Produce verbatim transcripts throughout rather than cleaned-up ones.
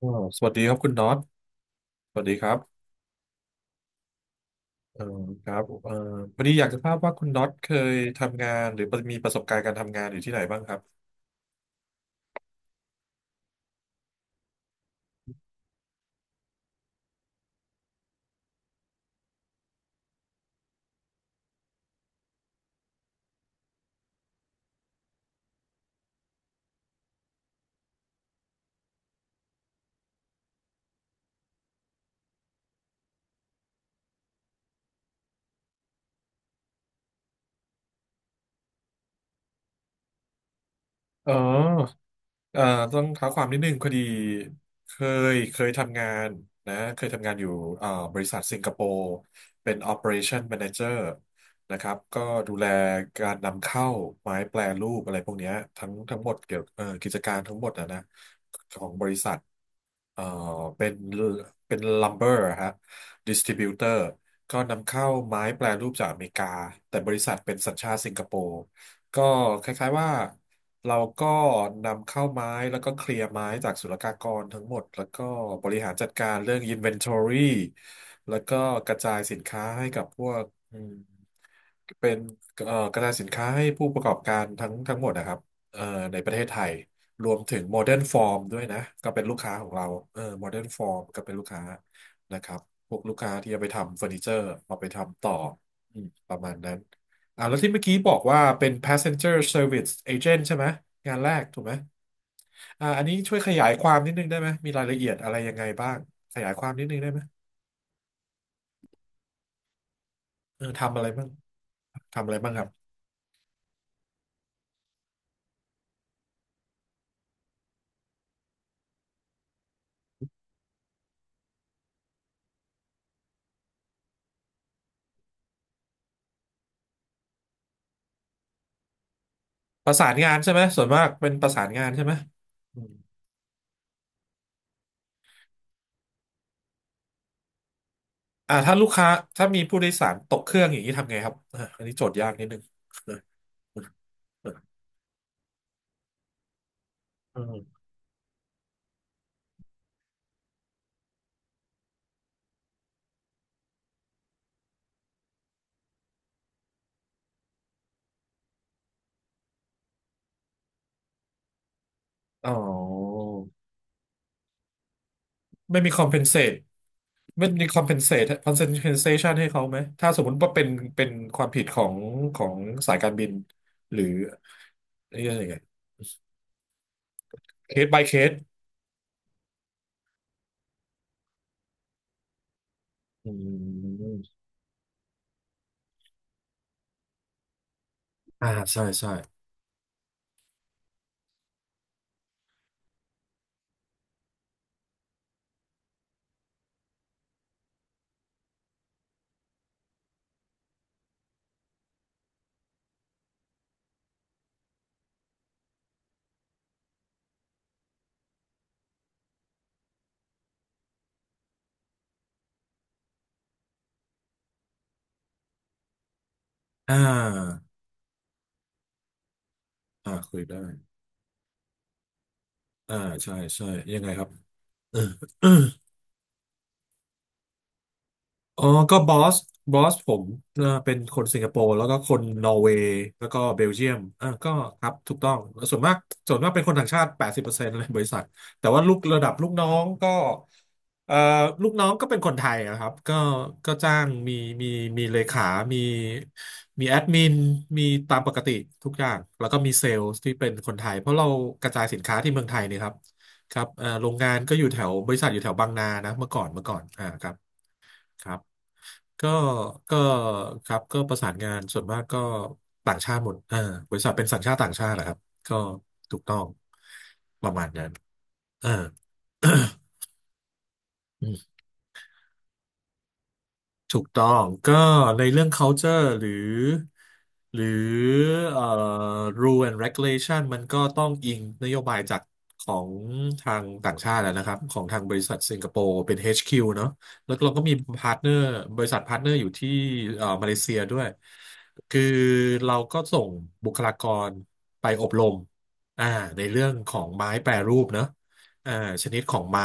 อ๋อสวัสดีครับคุณน็อตสวัสดีครับเอ่อครับเอ่อพอดีอยากจะทราบว่าคุณน็อตเคยทำงานหรือมีประสบการณ์การทำงานอยู่ที่ไหนบ้างครับอ๋อเอ่อต้องเท้าความนิดนึงพอดีเคยเคยทำงานนะเคยทำงานอยู่เอ่อบริษัทสิงคโปร์เป็น Operation Manager นะครับก็ดูแลการนำเข้าไม้แปรรูปอะไรพวกเนี้ยทั้งทั้งหมดเกี่ยวเอ่อกิจการทั้งหมดนะนะ เอ่อเป็นเป็นลัมเบอร์ฮะดิสติบิวเตอร์ก็นำเข้าไม้แปรรูปจากอเมริกาแต่บริษัทเป็นสัญชาติสิงคโปร์ก็คล้ายๆว่าเราก็นำเข้าไม้แล้วก็เคลียร์ไม้จากศุลกากรทั้งหมดแล้วก็บริหารจัดการเรื่อง Inventory แล้วก็กระจายสินค้าให้กับพวกอืมเป็นเอ่อกระจายสินค้าให้ผู้ประกอบการทั้งทั้งหมดนะครับเอ่อในประเทศไทย รวมถึงโมเดิร์นฟอร์มด้วยนะก็เป็นลูกค้าของเราเออโมเดิร์นฟอร์มก็เป็นลูกค้านะครับพวกลูกค้าที่จะไปทำเฟอร์นิเจอร์เอาไปทำต่ออืมประมาณนั้นอ่าแล้วที่เมื่อกี้บอกว่าเป็น passenger service agent ใช่ไหมงานแรกถูกไหมอ่าอันนี้ช่วยขยายความนิดนึงได้ไหมมีรายละเอียดอะไรยังไงบ้างขยายความนิดนึงได้ไหมเออทำอะไรบ้างทำอะไรบ้างครับประสานงานใช่ไหมส่วนมากเป็นประสานงานใช่ไหม อ่าถ้าลูกค้าถ้ามีผู้โดยสารตกเครื่องอย่างนี้ทำไงครับอ่ะอันนี้โจทย์ยากนิดนึงอืมอ๋อไม่มี compensate ไม่มี compensate compensation ให้เขาไหมถ้าสมมติว่าเป็นเป็นความผิดของของสายการบินหรือเรียกอะไรเงี้ย case by case อืมอ่าใช่ใช่อ่าอ่าคุยได้อ่าใช่ใช่ยังไงครับเออ อ๋อก็บอสบอสผมเอ่อเป็นคนสิงคโปร์แล้วก็คนนอร์เวย์แล้วก็เบลเยียมอ่าก็ครับถูกต้องส่วนมากส่วนมากเป็นคนต่างชาติแปดสิบเปอร์เซ็นต์เลยบริษัทแต่ว่าลูกระดับลูกน้องก็เอ่อลูกน้องก็เป็นคนไทยนะครับก็ก็จ้างมีมีมีเลขามีมีแอดมินมีตามปกติทุกอย่างแล้วก็มีเซลล์ที่เป็นคนไทยเพราะเรากระจายสินค้าที่เมืองไทยเนี่ยครับครับเอ่อโรงงานก็อยู่แถวบริษัทอยู่แถวบางนานะเมื่อก่อนเมื่อก่อนอ่าครับ ครับก็ก็ครับก็ประสานงานส่วนมากก็ต่างชาติหมดอ่าบริษัทเป็นสัญชาติต่างชาตินะครับ ก็ถูกต้องอ่า ถูกต้องก็ในเรื่อง culture หรือหรือเอ่อ rule and regulation มันก็ต้องอิงนโยบายจากของทางต่างชาติแล้วนะครับของทางบริษัทสิงคโปร์เป็น เอช คิว เนอะแล้วเราก็มีพาร์ทเนอร์บริษัทพาร์ทเนอร์อยู่ที่เอ่อมาเลเซียด้วยคือเราก็ส่งบุคลากรไปอบรมอ่าในเรื่องของไม้แปรรูปเนอะอ่าชนิดของไม้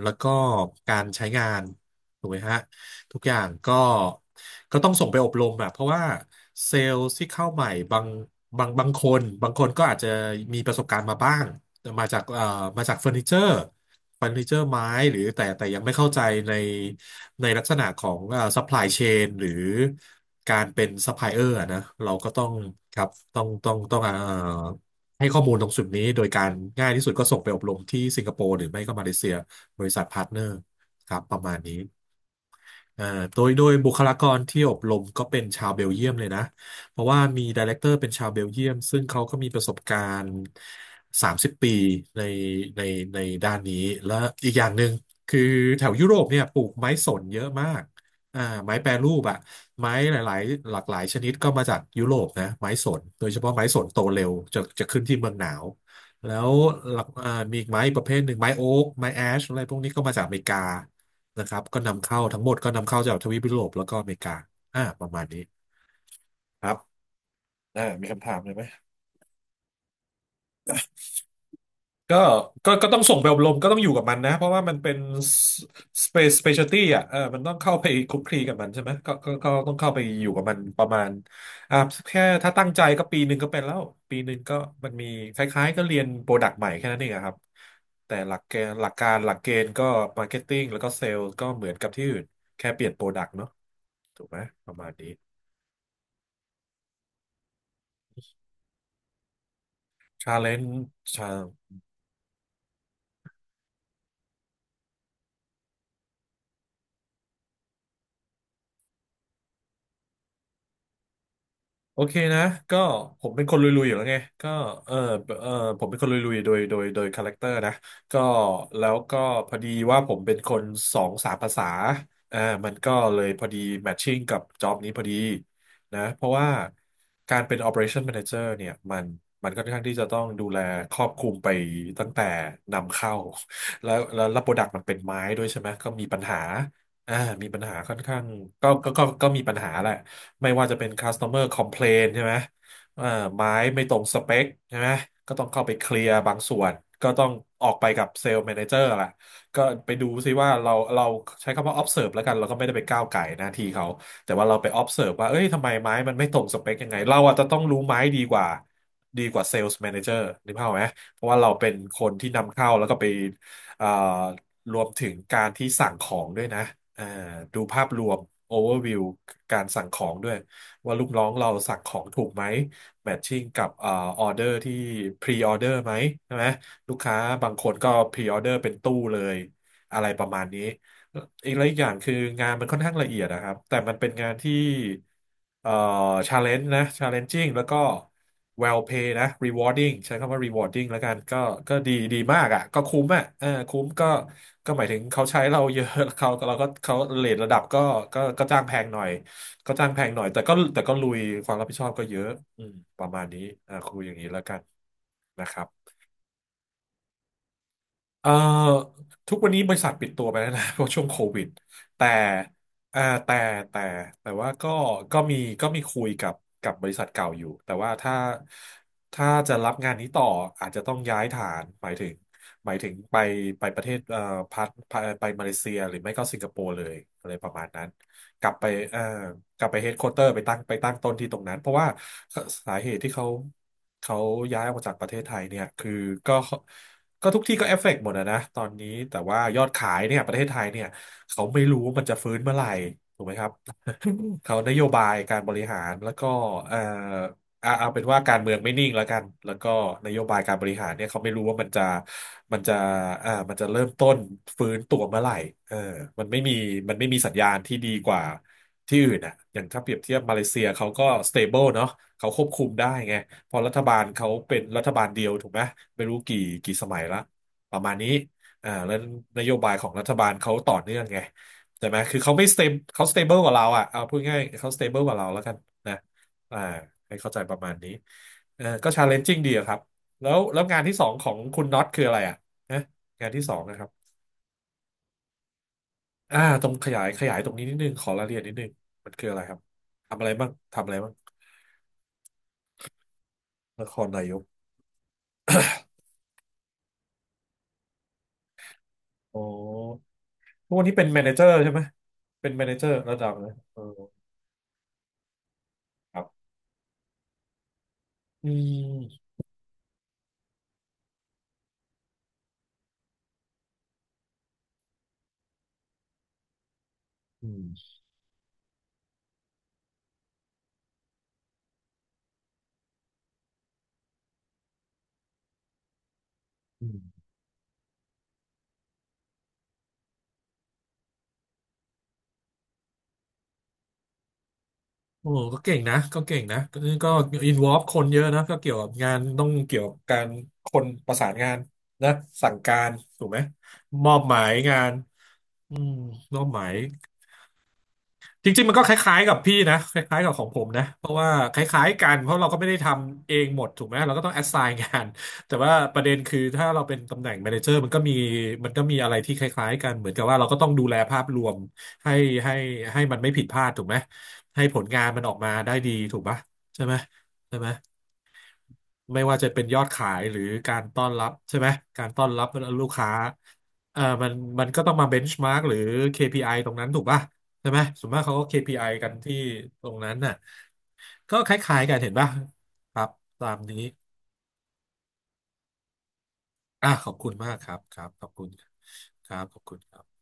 แล้วก็การใช้งานถูกไหมฮะ ทุกอย่างก็ก็ต้องส่งไปอบรมอะเพราะว่าเซลล์ที่เข้าใหม่บางบางบางคนบางคนก็อาจจะมีประสบการณ์มาบ้างมาจากเอ่อมาจากเฟอร์นิเจอร์เฟอร์นิเจอร์ไม้หรือแต่แต่ยังไม่เข้าใจในในลักษณะของเอ่อซัพพลายเชนหรือการเป็นซัพพลายเออร์นะเราก็ต้องครับต้องต้องต้องเอ่อให้ข้อมูลตรงสุ่ดนี้โดยการง่ายที่สุดก็ส่งไปอบรมที่สิงคโปร์หรือไม่ก็มาเลเซีย บริษัทพาร์ทเนอร์ครับประมาณนี้เอ่อโดยโดยบุคลากรที่อบรมก็เป็นชาวเบลเยียมเลยนะเพราะว่ามีไดเรคเตอร์เป็นชาวเบลเยียมซึ่งเขาก็มีประสบการณ์สามสิบปีในในในด้านนี้และอีกอย่างหนึ่งคือแถวยุโรปเนี่ยปลูกไม้สนเยอะมากอ่าไม้แปรรูปอะไม้หลายๆหลากหลายชนิดก็มาจากยุโรปนะไม้สนโดยเฉพาะไม้สนโตเร็วจะจะขึ้นที่เมืองหนาว แล้วหลักเอ่อมีอีกไม้อีกประเภทหนึ่งไม้โอ๊กไม้แอชอะไรพวกนี้ก็มาจากอเมริกานะครับก็นำเข้าทั้งหมดก็นำเข้าจากทวีปยุโรปแล้วก็อเมริกาอ่าประมาณนี้ครับอ่ามีคำถามเลยไหม ก็ก็ก็ต้องส่งไปอบรมก็ต้องอยู่กับมันนะเพราะว่ามันเป็นสเปซสเปเชียลตี้อ่ะเออมันต้องเข้าไปคลุกคลีกับมันใช่ไหมก็ก็ก็ต้องเข้าไปอยู่กับมันประมาณอ่าแค่ถ้าตั้งใจก็ปีหนึ่งก็เป็นแล้วปีหนึ่งก็มันมีคล้ายๆก็เรียนโปรดักต์ใหม่แค่นั้นเองอะครับแต่หลักเกณฑ์หลักการหลักเกณฑ์ก็มาร์เก็ตติ้งแล้วก็เซลล์ก็เหมือนกับที่อื่นแค่เปลี่ยนโปรดักต์เนาะถูกไหมประมาณนี้ชาเลนจ์ โอเคนะก็ผมเป็นคนลุยๆอยู่แล้วไงก็เออเออผมเป็นคนลุยๆโดยโดยโดยคาแรคเตอร์นะก็แล้วก็พอดีว่าผมเป็นคนสองสามภาษาอ่ามันก็เลยพอดีแมทชิ่งกับจ็อบนี้พอดีนะเพราะว่าการเป็น Operation Manager เนี่ยมันมันค่อนข้างที่จะต้องดูแลครอบคลุมไปตั้งแต่นำเข้าแล้วแล้วแล้วโปรดักต์มันเป็นไม้ด้วยใช่ไหมก็มีปัญหาอ่ามีปัญหาค่อนข้างก็ก็ก็ก็มีปัญหาแหละ ไม่ว่าจะเป็น customer complaint ใช่ไหมเอ่อไม้ไม่ตรงสเปคใช่ไหมก็ต้องเข้าไปเคลียร์บางส่วน ก็ต้องออกไปกับเซลล์แมเนเจอร์แหละก็ไปดูซิว่าเราเราใช้คำว่า observe แล้วกันเราก็ไม่ได้ไปก้าวไก่หน้าที่เขาแต่ว่าเราไป observe ว่าเอ้ยทำไมไม้มันไม่ตรงสเปคยังไงเราอาจจะต้องรู้ไม้ดีกว่าดีกว่า sales manager นเจอร์นึกภาพอไหมเพราะว่าเราเป็นคนที่นำเข้าแล้วก็ไปเอ่อ รวมถึงการที่สั่งของด้วยนะอ่าดูภาพรวม overview การสั่งของด้วยว่าลูกน้องเราสั่งของถูกไหม matching กับเอ่อ order ที่ pre-order ไหมใช่ไหมลูกค้าบางคนก็ pre-order เป็นตู้เลยอะไรประมาณนี้ อีกแล้วอีกอย่างคืองานมันค่อนข้างละเอียดนะครับแต่มันเป็นงานที่เอ่อชาเลนจ์นะชาเลนจิ่งแล้วก็ well pay นะ rewarding ใช้คำว่า rewarding แล้วกันก็ก็ดีดีมากอ่ะก็คุ้มอ่ะเออคุ้มก็ก็หมายถึงเขาใช้เราเยอะ เขาเราก็เขาเรทระดับก็ก็ก็จ้างแพงหน่อยก็จ้างแพงหน่อยแต่ก็แต่ก็ลุยความรับผิดชอบก็เยอะอืมประมาณนี้อ่าคุยอย่างนี้แล้วกันนะครับ เอ่อทุกวันนี้บริษัทปิดตัวไปแล้วนะ เพราะช่วงโควิดแต่เอ่อแต่แต่แต่ว่าก็ก็มีก็มีคุยกับกับบริษัทเก่าอยู่แต่ว่าถ้าถ้าจะรับงานนี้ต่ออาจจะต้องย้ายฐานหมายถึงหมายถึงไปไปประเทศเอ่อพัทไปไปมาเลเซียหรือไม่ก็สิงคโปร์เลยอะไรประมาณนั้นกลับไปเอ่อกลับไปเฮดค q u เตอร์ไปตั้งไปตั้งต้นที่ตรงนั้นเพราะว่าสาเหตุที่เขาเขาย้ายออกจากประเทศไทยเนี่ยคือก็ ก็ทุกที่ก็เอฟเฟกต์หมดอะนะตอนนี้แต่ว่ายอดขายเนี่ยประเทศไทยเนี่ยเขาไม่รู้ว่ามันจะฟื้นเมื่อไหร่ถูกไหมครับ เขานโยบายการบริหารแล้วก็เอ่อเอาเอาเป็นว่าการเมืองไม่นิ่งแล้วกันแล้วก็นโยบายการบริหารเนี่ยเขาไม่รู้ว่ามันจะมันจะเอ่อมันจะเริ่มต้นฟื้นตัวเมื่อไหร่เออมันไม่มีมันไม่มีสัญญาณที่ดีกว่าที่อื่นอ่ะอย่างถ้าเปรียบเทียบมาเลเซียเขาก็สเตเบิลเนาะเขาควบคุมได้ไง เพอรัฐบาลเขาเป็นรัฐบาลเดียวถูกไหมไม่รู้กี่กี่สมัยละประมาณนี้อ่าแล้วนโยบายของรัฐบาลเขาต่อเนื่องไงใช่ไหมคือเขาไม่สเตมเขาสเตเบิลกว่าเราอ่ะเอาพูดง่ายเขาสเตเบิลกว่าเราแล้วกันนะอ่าให้เข้าใจประมาณนี้เออก็ชาเลนจิ้งดีอะครับแล้วแล้วงานที่สองของคุณน็อตคืออะไรอ่ะนะงานที่สองนะครับอ่าตรงขยายขยายตรงนี้นิดนึงขอรายละเอียดนิดนึงมันคืออะไรครับทำอะไรบ้างทำอะไรบ้างนครนายกอ๋อ ทุกวันนี้เป็นแมเนเจอร์ใช่ไหมเป็นแมเนเจอร์ระดับเลยเออครับอืมอืมอืมโอ้ก็เก่งนะ ก็เก่งนะก็ก็อินวอล์ฟคนเยอะนะ ก็เกี่ยวกับงานต้องเกี่ยวกับการคนประสานงานนะสั่งการถูกไหม มอบหมายงานอืมมอบหมาย จริงๆมันก็คล้ายๆกับพี่นะคล้ายๆกับของผมนะเพราะว่าคล้ายๆกันเพราะเราก็ไม่ได้ทำเองหมดถูกไหมเราก็ต้องแอสไซน์งานแต่ว่าประเด็นคือถ้าเราเป็นตำแหน่งแมเนเจอร์มันก็มีมันก็มีอะไรที่คล้ายๆกันเหมือนกับว่าเราก็ต้องดูแลภาพรวมให้ให้ให้มันไม่ผิดพลาดถูกไหมให้ผลงานมันออกมาได้ดีถูกปะใช่ไหมใช่ไหม ไม่ว่าจะเป็นยอดขายหรือการต้อนรับใช่ไหมการต้อนรับลูกค้าเอ่อมันมันก็ต้องมาเบนช์มาร์กหรือ เค พี ไอ ตรงนั้นถูกป่ะใช่ไหมส่วนมากเขาก็ เค พี ไอ กันที่ตรงนั้นน่ะก็คล้ายๆกันเห็นป่ะครับตามนี้อ่ะขอบคุณมากครับครับขอบคุณครับขอบคุณครับ